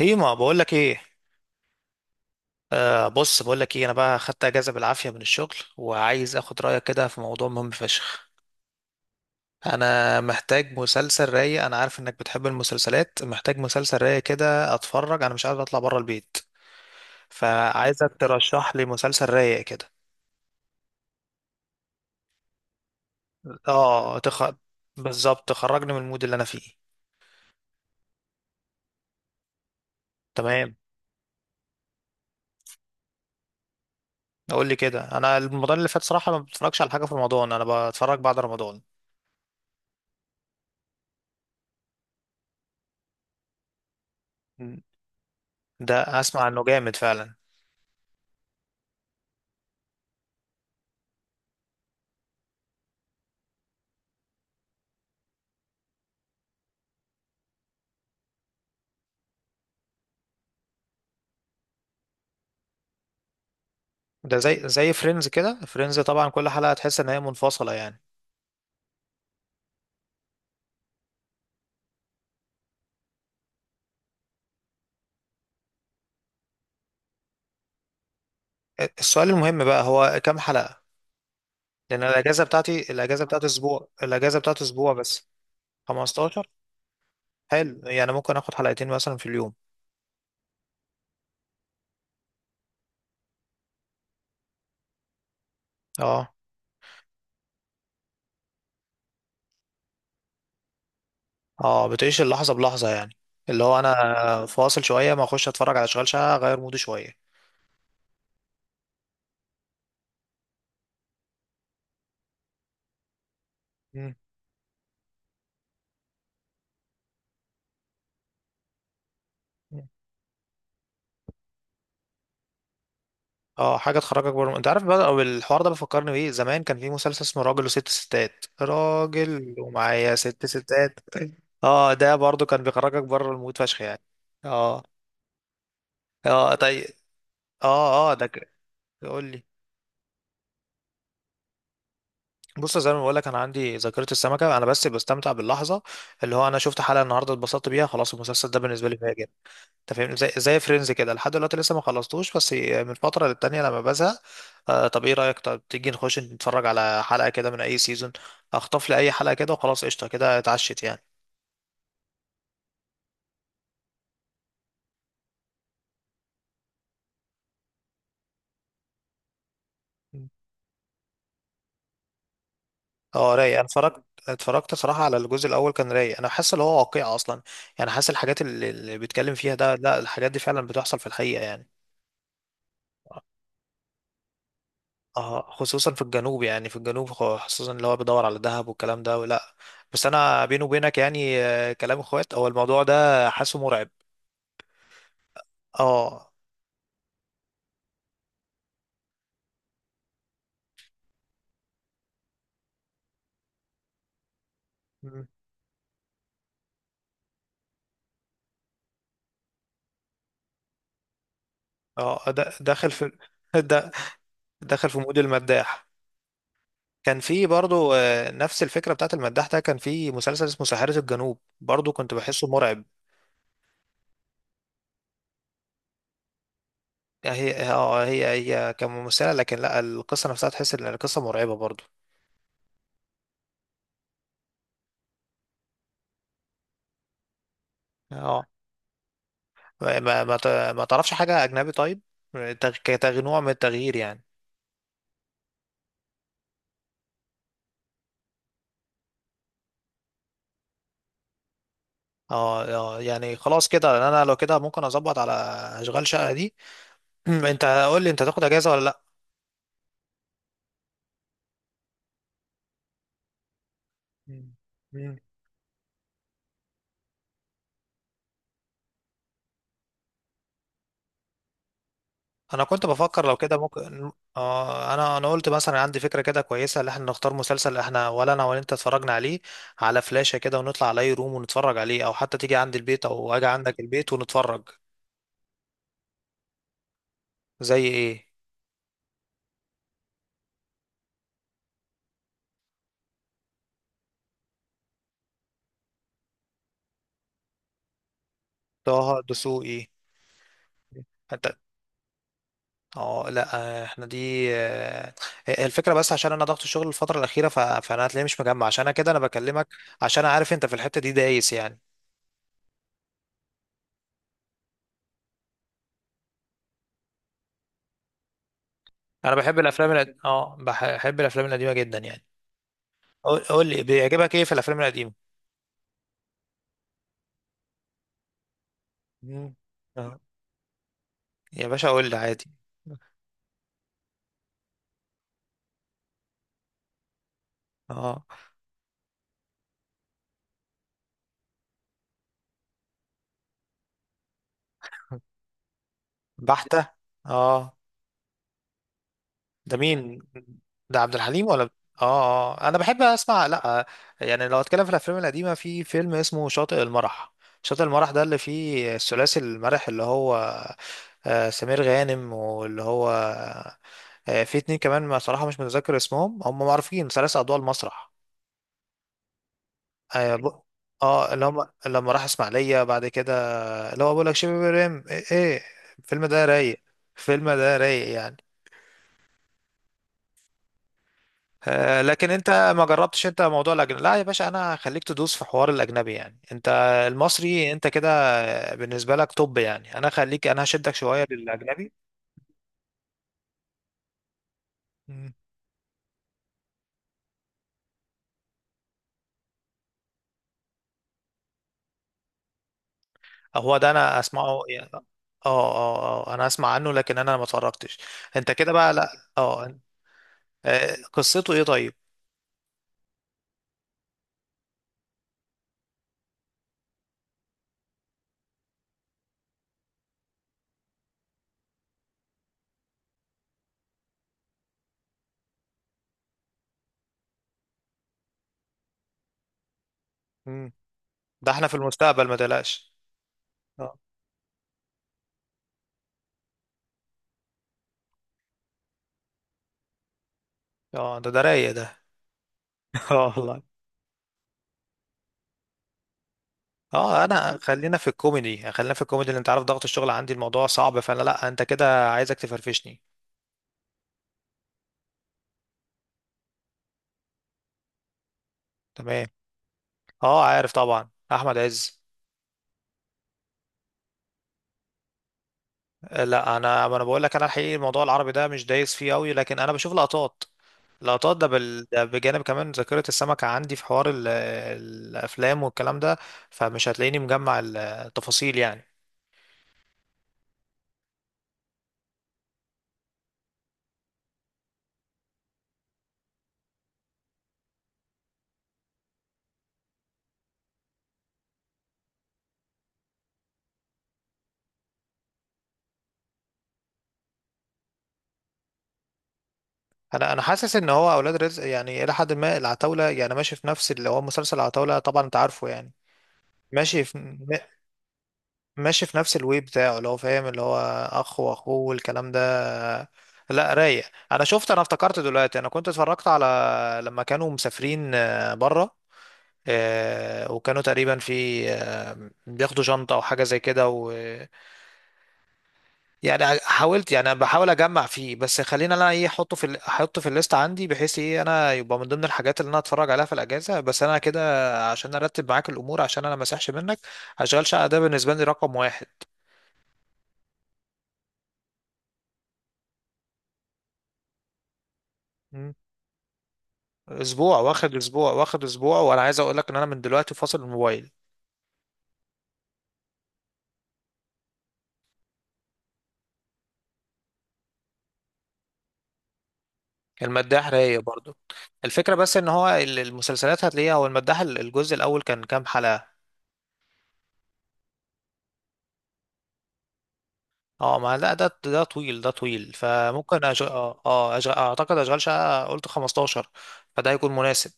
هي ما بقول لك ايه. بص بقول لك ايه، انا بقى خدت اجازه بالعافيه من الشغل، وعايز اخد رايك كده في موضوع مهم فشخ. انا محتاج مسلسل رايق، انا عارف انك بتحب المسلسلات، محتاج مسلسل رايق كده اتفرج. انا مش عارف اطلع بره البيت، فعايزك ترشح لي مسلسل رايق كده. اه تخ... بالظبط، تخرجني من المود اللي انا فيه. تمام، اقول لي كده. انا رمضان اللي فات صراحه ما بتفرجش على حاجه في رمضان، انا بتفرج بعد رمضان. ده اسمع انه جامد فعلا. ده زي فريندز كده. فريندز طبعا كل حلقة تحس ان هي منفصلة يعني. السؤال المهم بقى هو كام حلقة؟ لان الاجازة بتاعتي، الاجازة بتاعت اسبوع، الاجازة بتاعت اسبوع بس. 15. حلو يعني، ممكن اخد حلقتين مثلا في اليوم. اه. اه، بتعيش اللحظة بلحظة يعني. اللي هو انا فاصل شوية، ما اخش اتفرج على اشغال شقة، اغير مودي شوية. مم. اه، حاجه تخرجك بره، انت عارف بقى. أو الحوار ده بيفكرني بايه؟ زمان كان في مسلسل اسمه راجل وست ستات، راجل ومعايا ست ستات. اه، ده برضو كان بيخرجك بره المود فشخ يعني. اه. اه، طيب. اه اه ده ك- قول لي. بص، زي ما بقول لك، انا عندي ذاكره السمكه، انا بس بستمتع باللحظه. اللي هو انا شفت حلقه النهارده، اتبسطت بيها خلاص. المسلسل ده بالنسبه لي فاجر. انت فاهمني، زي فريندز كده، لحد دلوقتي لسه ما خلصتوش، بس من فتره للتانيه لما بزهق. آه، طب ايه رايك؟ طب تيجي نخش نتفرج على حلقه كده من اي سيزون؟ اخطف لي اي حلقه كده وخلاص، قشطه، كده اتعشت يعني. اه رايق، انا اتفرجت. اتفرجت صراحه على الجزء الاول، كان رايق. انا حاسس ان هو واقعي اصلا، يعني حاسس الحاجات اللي بيتكلم فيها ده، لا الحاجات دي فعلا بتحصل في الحقيقه يعني. اه، خصوصا في الجنوب يعني، في الجنوب خصوصا اللي هو بيدور على الذهب والكلام ده ولا. بس انا بيني وبينك يعني، كلام اخوات، هو الموضوع ده حاسه مرعب. اه. مم. اه داخل في. د- داخل في مود المداح. كان في برضو نفس الفكرة بتاعت المداح، ده كان في مسلسل اسمه ساحرة الجنوب، برضو كنت بحسه مرعب. يعني هي اه، هي هي كممثلة، لكن لا، القصة نفسها تحس ان القصة مرعبة برضو. اه. ما ما ت- ما تعرفش حاجة أجنبي؟ طيب، نوع من التغيير يعني. اه. اه يعني خلاص كده، انا لو كده ممكن اظبط على اشغال شقة دي. انت قول لي، انت تاخد اجازة ولا لا؟ مم. انا كنت بفكر لو كده ممكن. آه، انا قلت مثلا، عندي فكره كده كويسه، اللي احنا نختار مسلسل احنا، ولا انا ولا انت اتفرجنا عليه، على فلاشه كده، ونطلع على اي روم ونتفرج عليه. او حتى تيجي عندي البيت، او اجي عندك البيت، ونتفرج. زي ايه؟ طه دسوقي؟ انت. اه، لا. آه، احنا دي آه، هي الفكره، بس عشان انا ضغط الشغل الفتره الاخيره فانا هتلاقي مش مجمع، عشان أنا كده انا بكلمك، عشان عارف انت في الحته دي دايس يعني. انا بحب الافلام القد... اه، بحب الافلام القديمه جدا يعني. قول لي، بيعجبك ايه في الافلام القديمه؟ مم. اه. يا باشا قول لي عادي. اه بحتة. اه، ده مين؟ ده عبد الحليم ولا؟ اه اه، انا بحب اسمع، لا يعني. لو اتكلم في الافلام القديمه، في فيلم اسمه شاطئ المرح. شاطئ المرح ده اللي فيه الثلاثي المرح اللي هو سمير غانم، واللي هو في اتنين كمان، ما صراحه مش متذكر اسمهم، هم معروفين، ثلاث اضواء المسرح. اه ب- اللي هم لما راح اسماعيليه بعد كده. لو بقول لك شيبي وريم ايه إيه، الفيلم ده رايق؟ الفيلم ده رايق يعني. آه، لكن انت ما جربتش انت موضوع الاجنبي. لا يا باشا، انا هخليك تدوس في حوار الاجنبي يعني. انت المصري، انت كده بالنسبه لك توب يعني، انا خليك، انا هشدك شويه للاجنبي. مم. هو ده انا اسمعه يعني، اه اه. اه، انا اسمع عنه، لكن انا ما اتفرجتش. انت كده بقى؟ لا. اه، قصته ايه طيب؟ مم. ده احنا في المستقبل، ما تقلقش. اه. اه ده ده رايق ده. اه والله. اه، انا خلينا في الكوميدي، خلينا في الكوميدي، اللي انت عارف ضغط الشغل عندي، الموضوع صعب، فانا لا، انت كده عايزك تفرفشني. تمام. اه، عارف طبعا، احمد عز. لا، انا ما انا بقول لك، انا الحقيقي الموضوع العربي ده مش دايس فيه قوي، لكن انا بشوف لقطات. لقطات ده، ده بجانب كمان ذاكرة السمكة عندي في حوار الافلام والكلام ده، فمش هتلاقيني مجمع التفاصيل يعني. انا حاسس ان هو اولاد رزق يعني، الى حد ما العتاولة يعني، ماشي في نفس اللي هو مسلسل العتاولة طبعا، انت عارفه يعني. ماشي في ماشي في نفس الوي بتاعه، اللي هو فاهم، اللي هو اخ واخوه والكلام ده. لا رايق. انا شفت، انا افتكرت دلوقتي، انا كنت اتفرجت على لما كانوا مسافرين بره، وكانوا تقريبا في بياخدوا شنطة او حاجة زي كده، و يعني حاولت يعني، أنا بحاول اجمع فيه، بس خلينا، انا ايه، احطه في احطه في الليست عندي، بحيث ايه، انا يبقى من ضمن الحاجات اللي انا اتفرج عليها في الاجازة، بس انا كده عشان ارتب معاك الامور، عشان انا ما اسحش منك. هشغل شقة ده بالنسبة لي رقم واحد. اسبوع، واخد اسبوع، واخد اسبوع، وانا عايز اقول لك ان انا من دلوقتي فاصل الموبايل. المداح رايق برضو. الفكره بس، ان هو المسلسلات هتلاقيها، هو المداح الجزء الاول كان كام حلقه؟ اه، ما لا ده ده طويل، ده طويل، فممكن أش... اه آه، أشغ... اعتقد اشغال شقه، قلت 15، فده هيكون مناسب.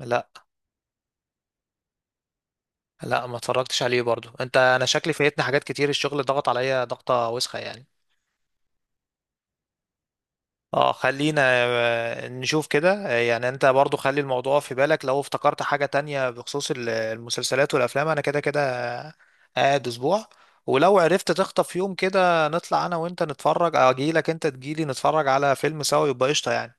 لا، لا ما اتفرجتش عليه برضو، انت انا شكلي فايتني حاجات كتير، الشغل ضغط عليا ضغطه وسخه يعني. اه، خلينا نشوف كده. يعني انت برضو خلي الموضوع في بالك، لو افتكرت حاجة تانية بخصوص المسلسلات والافلام، انا كده كده قاعد اسبوع. ولو عرفت تخطف يوم كده، نطلع انا وانت نتفرج، اجيلك، انت تجيلي، نتفرج على فيلم سوا، يبقى قشطة يعني.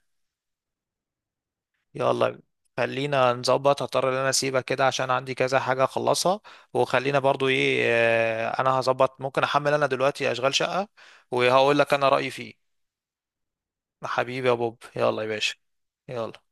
يلا. خلينا نظبط، هضطر ان انا اسيبك كده، عشان عندي كذا حاجة اخلصها. وخلينا برضو ايه، انا هظبط، ممكن احمل انا دلوقتي اشغال شقة، وهقول لك انا رأيي فيه. حبيبي يا بوب، يلا يا باشا. يلا.